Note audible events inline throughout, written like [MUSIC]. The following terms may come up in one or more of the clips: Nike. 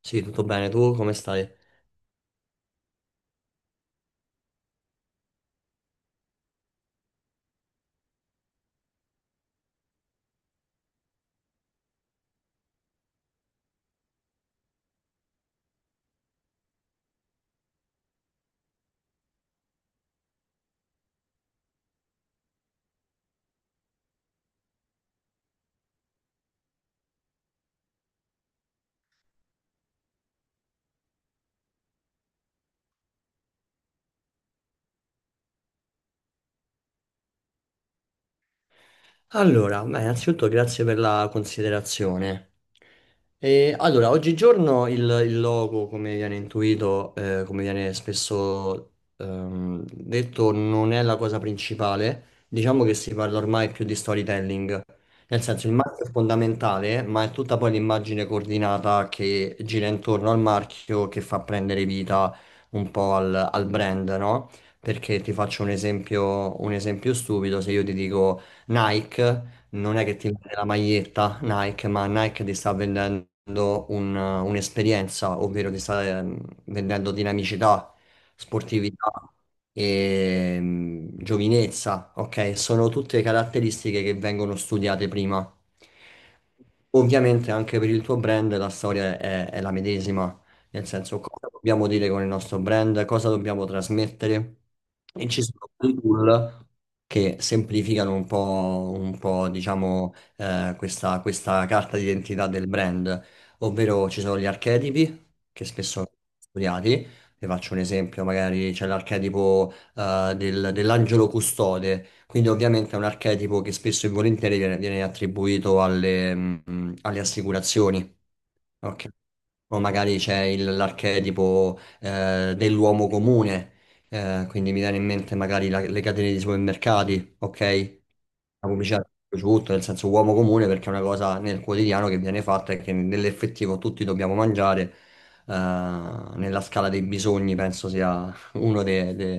Sì, tutto bene, tu come stai? Allora, beh, innanzitutto grazie per la considerazione. Allora, oggigiorno il logo, come viene intuito, come viene spesso detto, non è la cosa principale. Diciamo che si parla ormai più di storytelling. Nel senso, il marchio è fondamentale, ma è tutta poi l'immagine coordinata che gira intorno al marchio che fa prendere vita un po' al brand, no? Perché ti faccio un esempio stupido, se io ti dico... Nike non è che ti vende la maglietta Nike, ma Nike ti sta vendendo un'esperienza, ovvero ti sta vendendo dinamicità, sportività e giovinezza, ok? Sono tutte caratteristiche che vengono studiate prima. Ovviamente anche per il tuo brand la storia è la medesima. Nel senso, cosa dobbiamo dire con il nostro brand, cosa dobbiamo trasmettere. E ci sono dei tool che semplificano un po', diciamo, questa carta d'identità del brand, ovvero ci sono gli archetipi che spesso sono studiati. Vi faccio un esempio, magari c'è l'archetipo dell'angelo custode, quindi ovviamente è un archetipo che spesso e volentieri viene attribuito alle, alle assicurazioni. Ok. O magari c'è l'archetipo dell'uomo comune, quindi mi viene in mente magari le catene di supermercati, ok? La pubblicità su tutto, nel senso uomo comune perché è una cosa nel quotidiano che viene fatta e che nell'effettivo tutti dobbiamo mangiare, eh, nella scala dei bisogni penso sia uno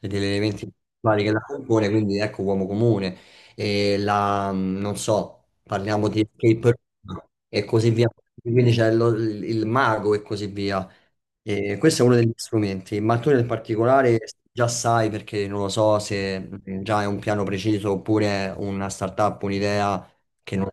e degli elementi vari che la compone, quindi ecco uomo comune, e non so, parliamo di escape room e così via, quindi c'è il mago e così via. E questo è uno degli strumenti, ma tu nel particolare già sai perché non lo so se già è un piano preciso oppure è una startup, un'idea che non...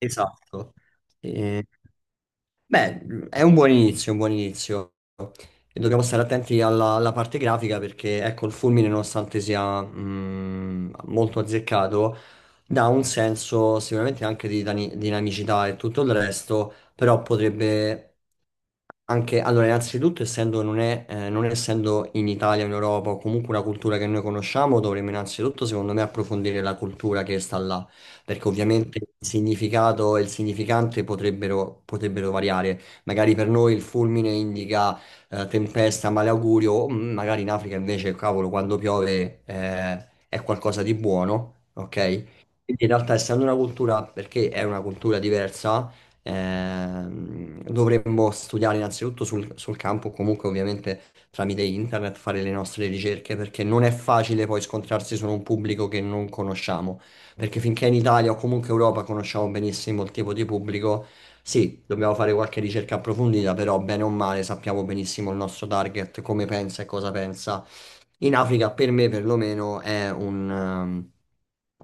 Esatto. Beh, è un buon inizio, un buon inizio. E dobbiamo stare attenti alla parte grafica perché, ecco, il fulmine, nonostante sia molto azzeccato, dà un senso sicuramente anche di dinamicità e tutto il resto, però potrebbe anche... Allora, innanzitutto, essendo non è, non essendo in Italia, in Europa, o comunque una cultura che noi conosciamo, dovremmo innanzitutto, secondo me, approfondire la cultura che sta là perché ovviamente il significato e il significante potrebbero variare. Magari per noi il fulmine indica tempesta, malaugurio, o magari in Africa invece, cavolo, quando piove è qualcosa di buono, ok? Quindi in realtà essendo una cultura, perché è una cultura diversa, dovremmo studiare innanzitutto sul campo, comunque ovviamente tramite internet, fare le nostre ricerche, perché non è facile poi scontrarsi su un pubblico che non conosciamo. Perché finché in Italia o comunque Europa conosciamo benissimo il tipo di pubblico, sì, dobbiamo fare qualche ricerca approfondita, però bene o male sappiamo benissimo il nostro target, come pensa e cosa pensa. In Africa, per me perlomeno, è un,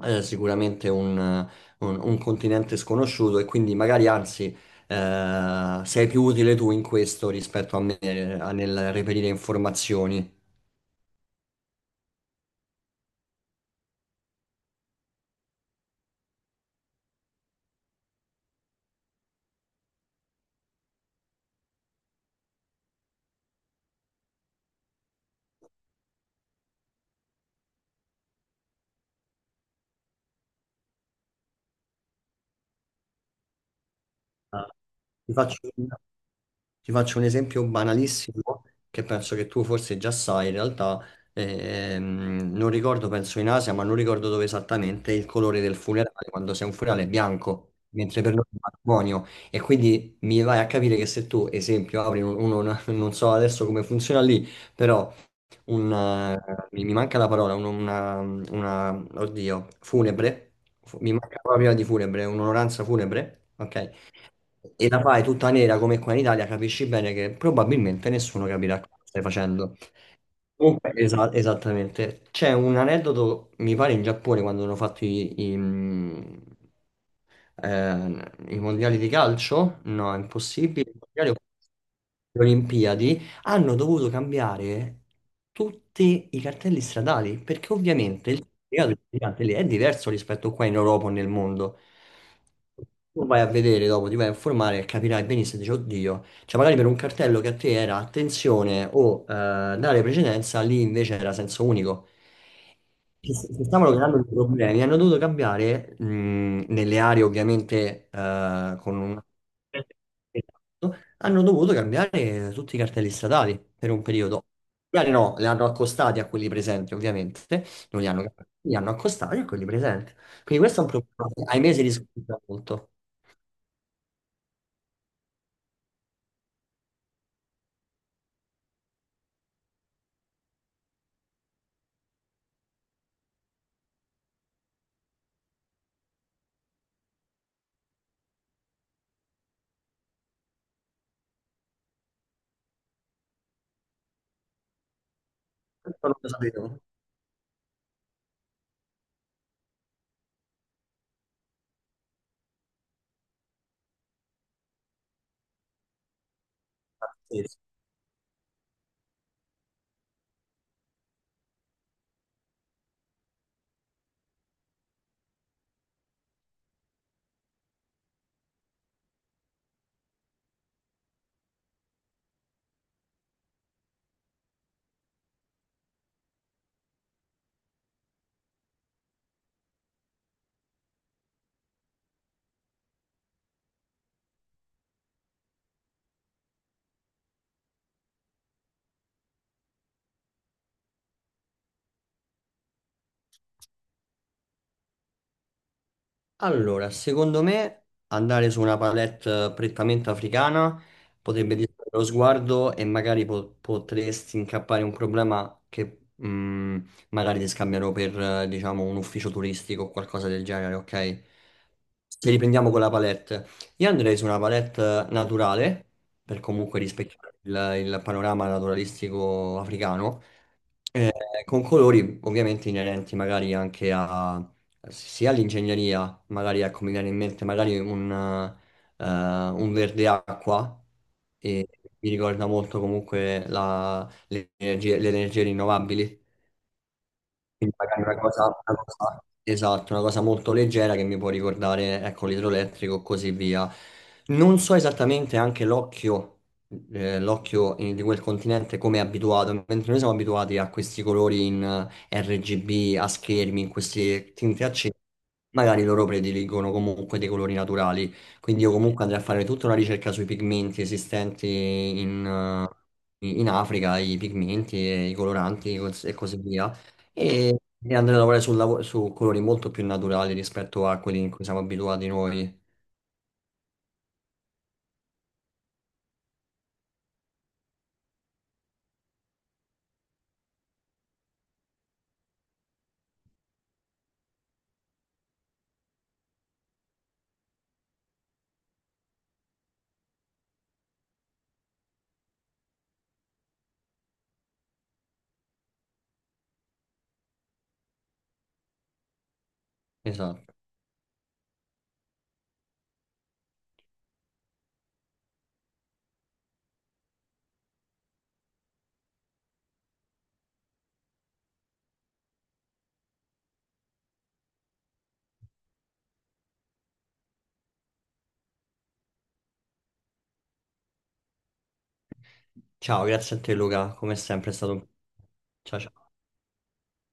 ehm, eh, sicuramente un continente sconosciuto e quindi magari anzi sei più utile tu in questo rispetto a me nel reperire informazioni. Ah. Ti faccio... un Ti faccio un esempio banalissimo che penso che tu forse già sai, in realtà non ricordo, penso in Asia, ma non ricordo dove esattamente il colore del funerale, quando sei un funerale è bianco, mentre per noi è matrimonio. E quindi mi vai a capire che se tu, esempio, apri [LAUGHS] non so adesso come funziona lì, però un, mi mi manca la parola, oddio, funebre, fu- mi manca proprio di funebre, un'onoranza funebre, ok? E la fai tutta nera come qua in Italia, capisci bene che probabilmente nessuno capirà cosa stai facendo. Comunque, esattamente. C'è un aneddoto, mi pare, in Giappone quando hanno fatto i mondiali di calcio. No, è impossibile. I mondiali o le Olimpiadi hanno dovuto cambiare tutti i cartelli stradali perché ovviamente il significato del gigante lì è diverso rispetto qua in Europa o nel mondo. Tu vai a vedere dopo, ti vai a informare e capirai benissimo, dici, oddio. Cioè, magari per un cartello che a te era attenzione o dare precedenza, lì invece era senso unico. Si stavano creando dei problemi, hanno dovuto cambiare nelle aree ovviamente con un... Esatto, hanno dovuto cambiare tutti i cartelli statali per un periodo. Gli aree no, le hanno accostati a quelli presenti ovviamente, non li hanno cambiati, li hanno accostati a quelli presenti. Quindi questo è un problema che ai mesi riscontra molto. Questo non lo sapevo. Sì, sì. Allora, secondo me andare su una palette prettamente africana potrebbe distrarre lo sguardo e magari potresti incappare in un problema che magari ti scambiano per, diciamo, un ufficio turistico o qualcosa del genere, ok? Se riprendiamo con la palette, io andrei su una palette naturale per comunque rispecchiare il panorama naturalistico africano, eh, con colori ovviamente inerenti magari anche a sia l'ingegneria, magari ecco, mi viene in mente un verde acqua e mi ricorda molto comunque le energie rinnovabili. Quindi magari esatto, una cosa molto leggera che mi può ricordare, ecco, l'idroelettrico e così via. Non so esattamente anche l'occhio, l'occhio di quel continente come è abituato, mentre noi siamo abituati a questi colori in RGB, a schermi, in queste tinte accese, magari loro prediligono comunque dei colori naturali. Quindi io comunque andrei a fare tutta una ricerca sui pigmenti esistenti in, in Africa, i pigmenti e i coloranti e così via e e andare a lavorare su colori molto più naturali rispetto a quelli in cui siamo abituati noi. Esatto. Ciao, grazie a te Luca, come sempre è stato un... Ciao ciao.